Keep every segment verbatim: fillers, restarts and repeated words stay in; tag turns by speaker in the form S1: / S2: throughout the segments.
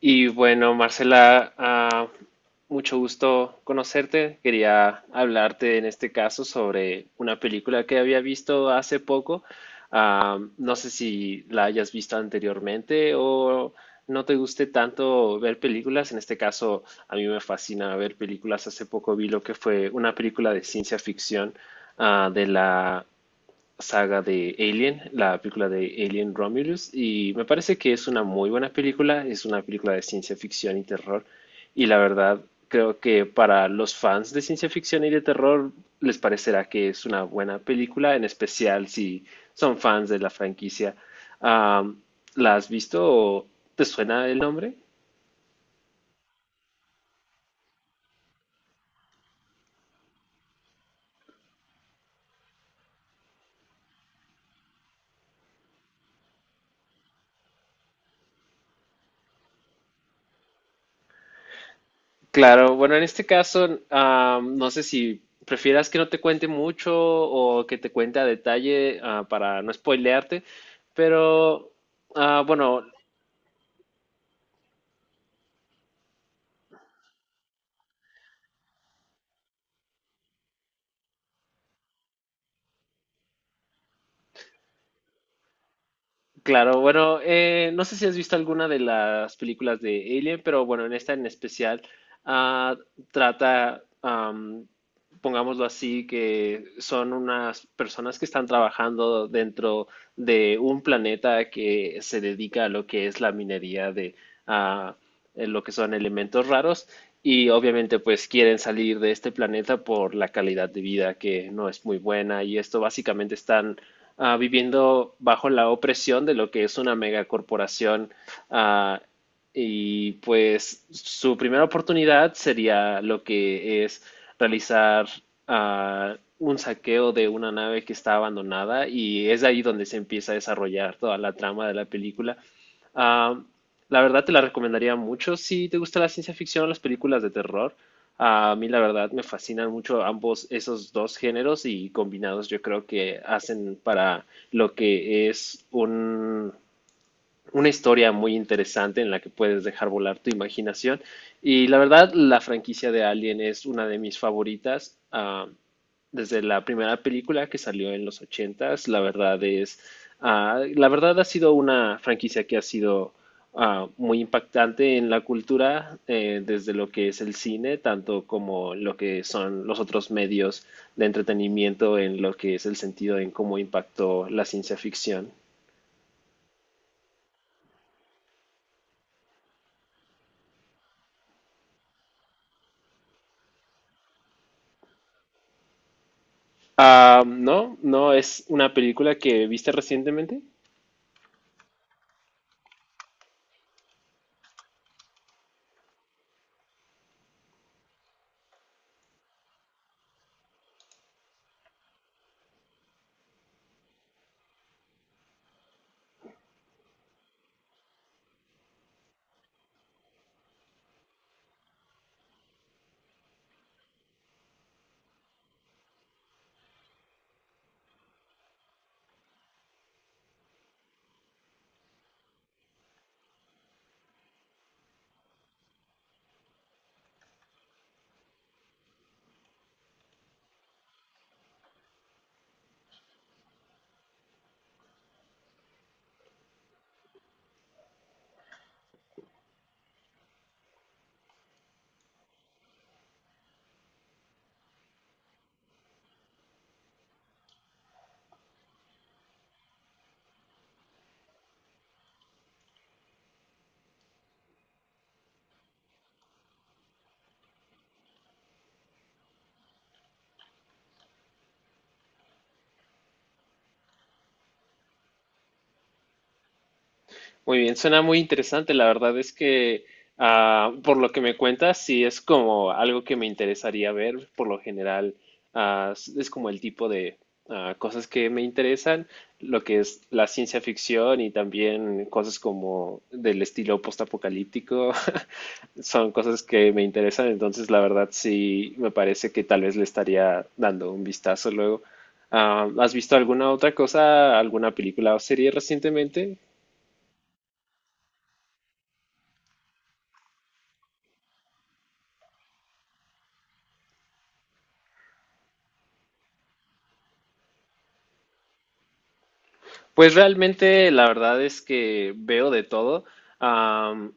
S1: Y bueno, Marcela, ah, mucho gusto conocerte. Quería hablarte en este caso sobre una película que había visto hace poco. Ah, no sé si la hayas visto anteriormente o no te guste tanto ver películas. En este caso, a mí me fascina ver películas. Hace poco vi lo que fue una película de ciencia ficción ah, de la saga de Alien, la película de Alien Romulus, y me parece que es una muy buena película, es una película de ciencia ficción y terror, y la verdad creo que para los fans de ciencia ficción y de terror les parecerá que es una buena película, en especial si son fans de la franquicia. Am, ¿La has visto o te suena el nombre? Claro, bueno, en este caso, ah, no sé si prefieras que no te cuente mucho o que te cuente a detalle ah, para no spoilearte, pero ah, bueno, claro, bueno, eh, no sé si has visto alguna de las películas de Alien, pero bueno, en esta en especial ah, trata, am, pongámoslo así, que son unas personas que están trabajando dentro de un planeta que se dedica a lo que es la minería de ah, eh, lo que son elementos raros y obviamente pues quieren salir de este planeta por la calidad de vida que no es muy buena y esto básicamente están ah, viviendo bajo la opresión de lo que es una megacorporación. ah, y pues su primera oportunidad sería lo que es realizar ah, un saqueo de una nave que está abandonada y es ahí donde se empieza a desarrollar toda la trama de la película. Ah, la verdad te la recomendaría mucho si te gusta la ciencia ficción o las películas de terror. A mí la verdad me fascinan mucho ambos esos dos géneros y combinados yo creo que hacen para lo que es un una historia muy interesante en la que puedes dejar volar tu imaginación. Y la verdad, la franquicia de Alien es una de mis favoritas. Ah, desde la primera película que salió en los ochentas, la verdad es, ah, la verdad ha sido una franquicia que ha sido ah, muy impactante en la cultura, eh, desde lo que es el cine, tanto como lo que son los otros medios de entretenimiento, en lo que es el sentido en cómo impactó la ciencia ficción. Ah, no, no, es una película que viste recientemente. Muy bien, suena muy interesante. La verdad es que, ah, por lo que me cuentas, sí es como algo que me interesaría ver. Por lo general, ah, s- es como el tipo de ah, cosas que me interesan, lo que es la ciencia ficción y también cosas como del estilo postapocalíptico. Son cosas que me interesan, entonces la verdad sí me parece que tal vez le estaría dando un vistazo luego. Ah, ¿has visto alguna otra cosa, alguna película o serie recientemente? Pues realmente la verdad es que veo de todo. Am,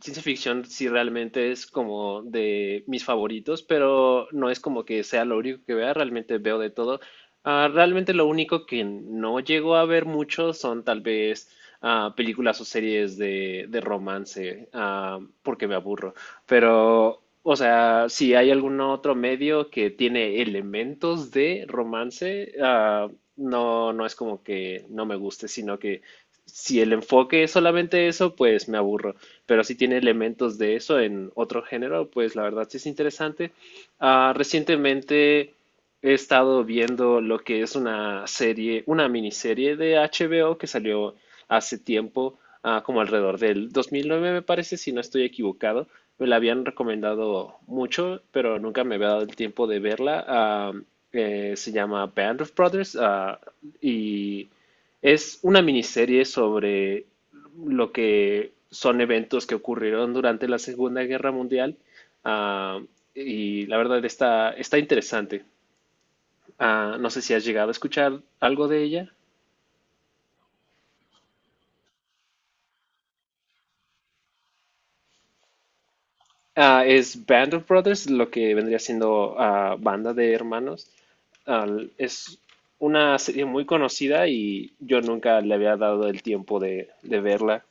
S1: Ciencia ficción sí realmente es como de mis favoritos, pero no es como que sea lo único que vea, realmente veo de todo. Ah, realmente lo único que no llego a ver mucho son tal vez ah, películas o series de, de romance, ah, porque me aburro. Pero, o sea, si hay algún otro medio que tiene elementos de romance, ah, no, no es como que no me guste, sino que si el enfoque es solamente eso, pues me aburro, pero sí tiene elementos de eso en otro género, pues la verdad sí es interesante. Ah, recientemente he estado viendo lo que es una serie, una miniserie de H B O que salió hace tiempo, ah, como alrededor del dos mil nueve me parece, si no estoy equivocado. Me la habían recomendado mucho, pero nunca me había dado el tiempo de verla. Ah, eh, se llama Band of Brothers, ah, y es una miniserie sobre lo que son eventos que ocurrieron durante la Segunda Guerra Mundial. Ah, y la verdad está, está interesante. Ah, no sé si has llegado a escuchar algo de ella. Ah, es Band of Brothers, lo que vendría siendo ah, Banda de Hermanos. Ah, es una serie muy conocida y yo nunca le había dado el tiempo de, de verla.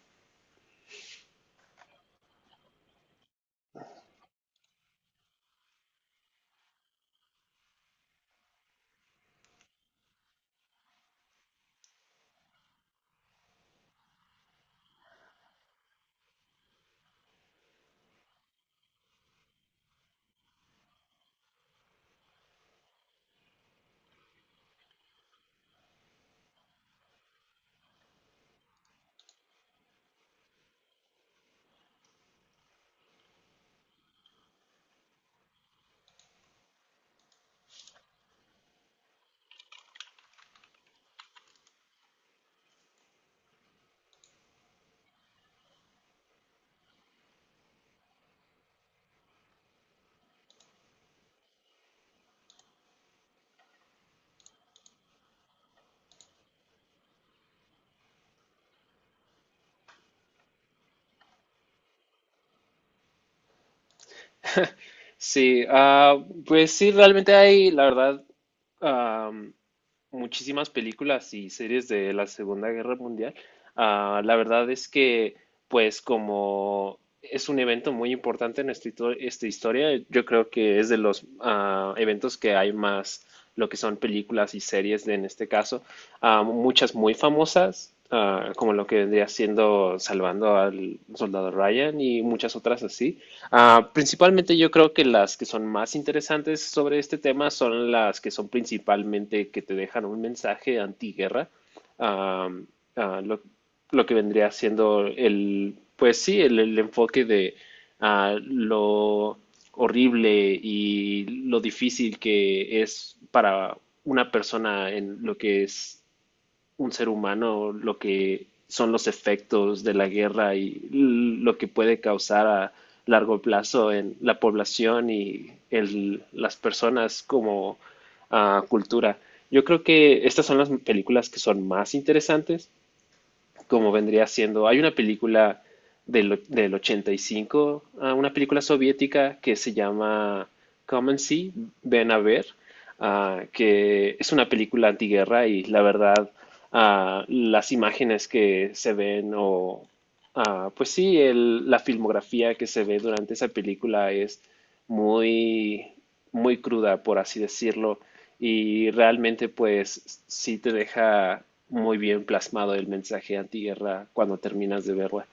S1: Sí, ah, pues sí, realmente hay, la verdad, am, muchísimas películas y series de la Segunda Guerra Mundial. Ah, la verdad es que, pues como es un evento muy importante en esta, hito- esta historia, yo creo que es de los ah, eventos que hay más, lo que son películas y series de- en este caso, Ah, muchas muy famosas, ah, como lo que vendría siendo Salvando al Soldado Ryan y muchas otras así. Ah, principalmente yo creo que las que son más interesantes sobre este tema son las que son principalmente que te dejan un mensaje antiguerra, ah, ah, lo, lo que vendría siendo el, pues sí, el, el enfoque de ah, lo horrible y lo difícil que es para una persona en lo que es un ser humano lo que son los efectos de la guerra y lo que puede causar a largo plazo en la población y el, las personas como uh, cultura. Yo creo que estas son las películas que son más interesantes como vendría siendo, hay una película del, del ochenta y cinco, ah, una película soviética que se llama Come and See, Ven a ver, ah, que es una película antiguerra y la verdad ah, las imágenes que se ven o ah, pues sí, el- la filmografía que se ve durante esa película es muy, muy cruda, por así decirlo, y realmente pues sí te deja muy bien plasmado el mensaje antiguerra cuando terminas de verla.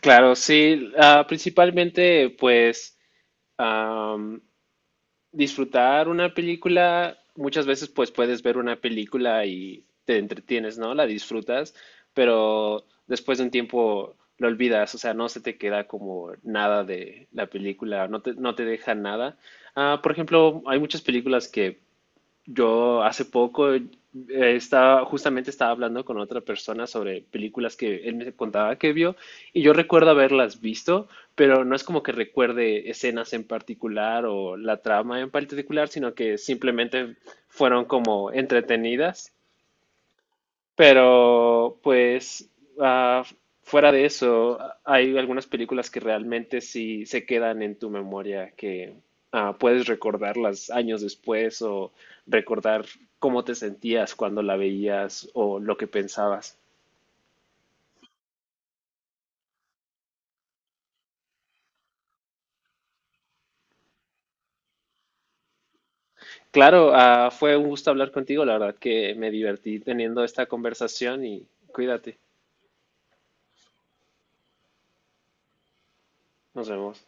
S1: Claro, sí, ah, principalmente pues am, disfrutar una película, muchas veces pues puedes ver una película y te entretienes, ¿no? La disfrutas, pero después de un tiempo lo olvidas, o sea, no se te queda como nada de la película, no te, no te deja nada. Ah, por ejemplo, hay muchas películas que yo hace poco eh, estaba, justamente estaba hablando con otra persona sobre películas que él me contaba que vio y yo recuerdo haberlas visto, pero no es como que recuerde escenas en particular o la trama en particular, sino que simplemente fueron como entretenidas, pero, pues, ah, fuera de eso, hay algunas películas que realmente sí se quedan en tu memoria, que ah, puedes recordarlas años después o recordar cómo te sentías cuando la veías o lo que pensabas. Claro, ah, fue un gusto hablar contigo, la verdad que me divertí teniendo esta conversación y cuídate, nos vemos.